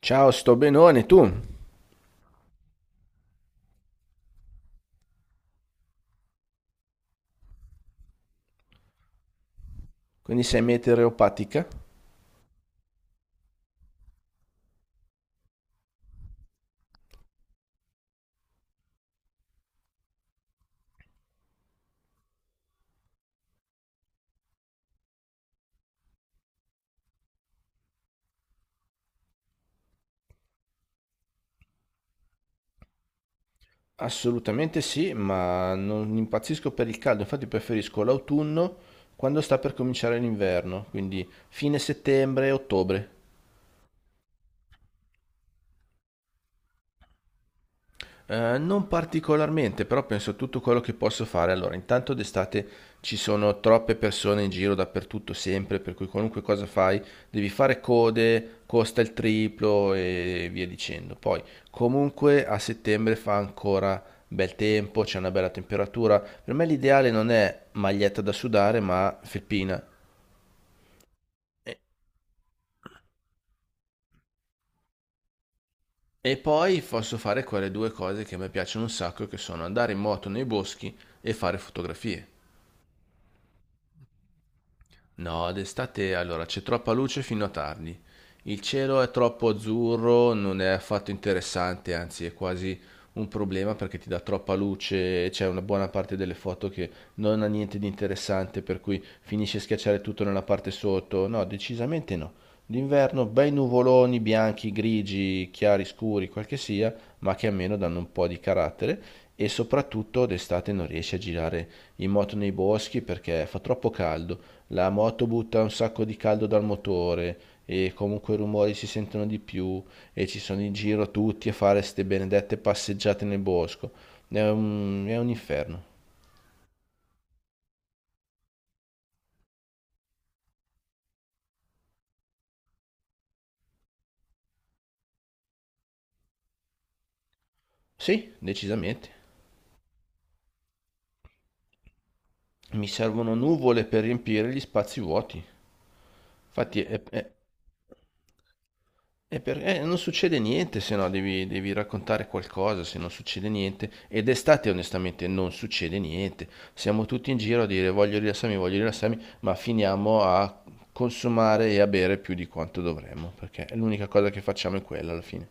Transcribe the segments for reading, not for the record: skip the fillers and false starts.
Ciao, sto benone, tu? Quindi sei meteoropatica? Assolutamente sì, ma non impazzisco per il caldo, infatti preferisco l'autunno quando sta per cominciare l'inverno, quindi fine settembre, ottobre. Non particolarmente, però penso a tutto quello che posso fare. Allora, intanto d'estate ci sono troppe persone in giro dappertutto, sempre, per cui qualunque cosa fai devi fare code, costa il triplo e via dicendo. Poi, comunque, a settembre fa ancora bel tempo, c'è una bella temperatura. Per me l'ideale non è maglietta da sudare, ma felpina. E, e poi posso fare quelle due cose che a me piacciono un sacco, che sono andare in moto nei boschi e fare fotografie. No, d'estate allora c'è troppa luce fino a tardi. Il cielo è troppo azzurro, non è affatto interessante, anzi è quasi un problema perché ti dà troppa luce e c'è una buona parte delle foto che non ha niente di interessante, per cui finisce a schiacciare tutto nella parte sotto. No, decisamente no. D'inverno bei nuvoloni bianchi, grigi, chiari, scuri, quel che sia, ma che almeno danno un po' di carattere e soprattutto d'estate non riesci a girare in moto nei boschi perché fa troppo caldo, la moto butta un sacco di caldo dal motore e comunque i rumori si sentono di più e ci sono in giro tutti a fare ste benedette passeggiate nel bosco. È un inferno. Sì, decisamente. Mi servono nuvole per riempire gli spazi vuoti. Infatti, è per- Non succede niente, se no devi raccontare qualcosa, se non succede niente. Ed estate, onestamente, non succede niente. Siamo tutti in giro a dire voglio rilassarmi, ma finiamo a consumare e a bere più di quanto dovremmo, perché l'unica cosa che facciamo è quella alla fine.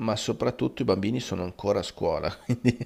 Ma soprattutto i bambini sono ancora a scuola, quindi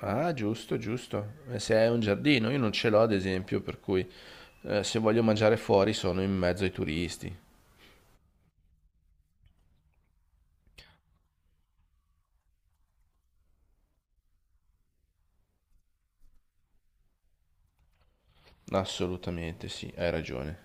Ah, giusto, giusto. E se hai un giardino, io non ce l'ho ad esempio, per cui se voglio mangiare fuori sono in mezzo ai turisti. Assolutamente sì, hai ragione.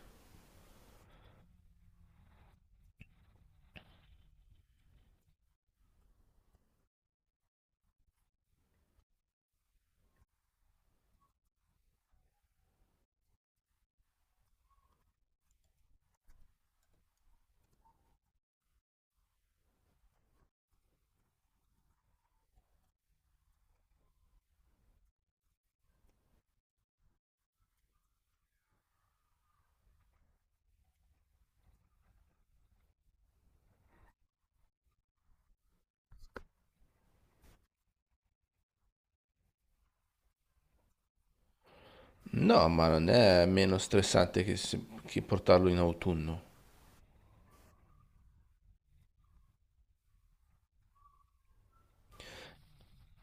No, ma non è meno stressante che che portarlo in autunno.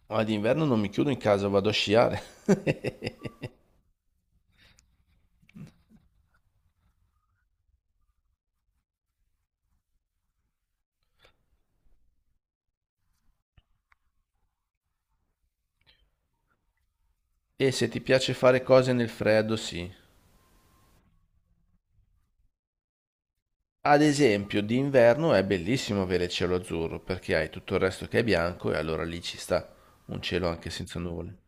Ma d'inverno non mi chiudo in casa, vado a sciare. E se ti piace fare cose nel freddo, sì. Ad esempio, d'inverno è bellissimo avere il cielo azzurro perché hai tutto il resto che è bianco e allora lì ci sta un cielo anche senza nuvole.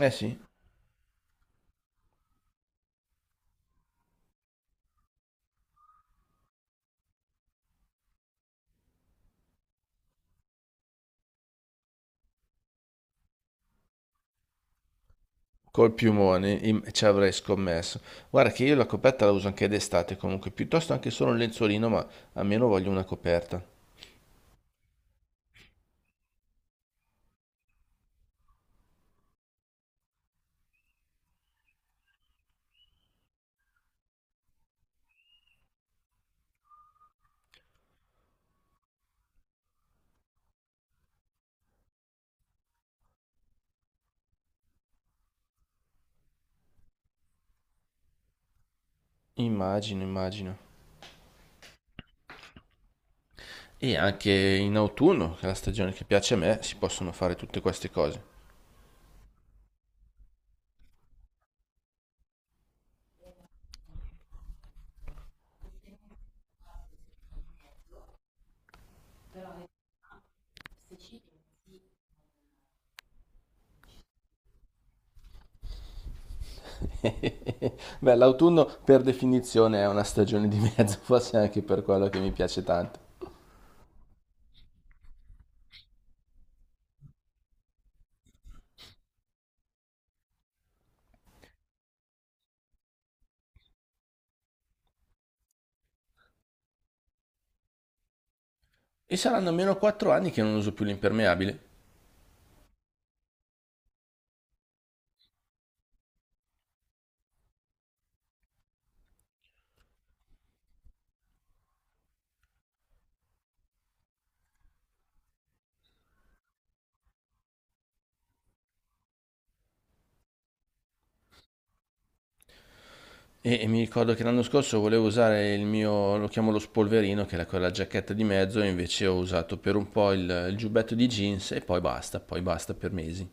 Eh sì. Col piumone, ci avrei scommesso. Guarda che io la coperta la uso anche d'estate comunque, piuttosto anche solo un lenzuolino, ma almeno voglio una coperta. Immagino, immagino. E anche in autunno, che è la stagione che piace a me, si possono fare tutte queste cose. Beh, l'autunno per definizione è una stagione di mezzo, forse anche per quello che mi piace tanto. E saranno almeno 4 anni che non uso più l'impermeabile. E mi ricordo che l'anno scorso volevo usare il mio, lo chiamo lo spolverino, che era quella giacchetta di mezzo, e invece ho usato per un po' il giubbetto di jeans e poi basta per mesi.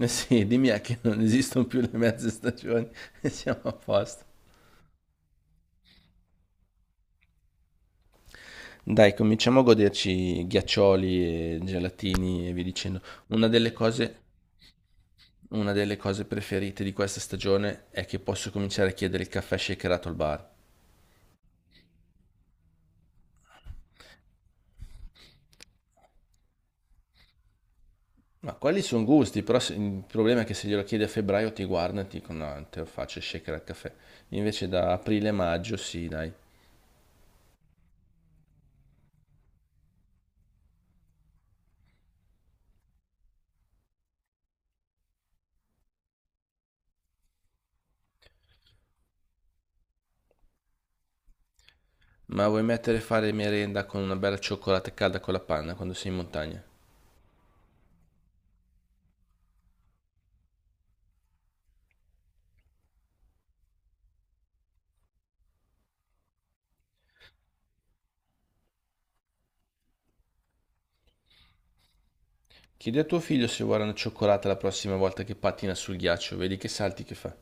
Eh sì, dimmi a che non esistono più le mezze stagioni e siamo a posto. Dai, cominciamo a goderci ghiaccioli e gelatini e via dicendo. Una delle cose, una delle cose preferite di questa stagione è che posso cominciare a chiedere il caffè shakerato al bar. Ma quelli sono gusti, però il problema è che se glielo chiedi a febbraio ti guardano e ti dicono no, te lo faccio shaker al caffè. Invece da aprile-maggio sì, dai. Ma vuoi mettere a fare merenda con una bella cioccolata calda con la panna quando sei in montagna? Chiedi a tuo figlio se vuole una cioccolata la prossima volta che pattina sul ghiaccio, vedi che salti che fa.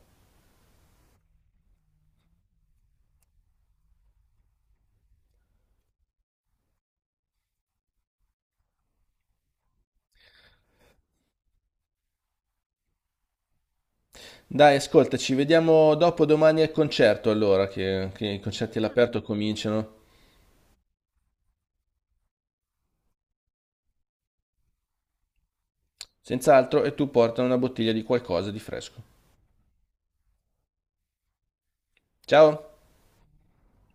Dai, ascolta, ci vediamo dopo domani al concerto allora, che i concerti all'aperto cominciano. Senz'altro, e tu porta una bottiglia di qualcosa di fresco. Ciao!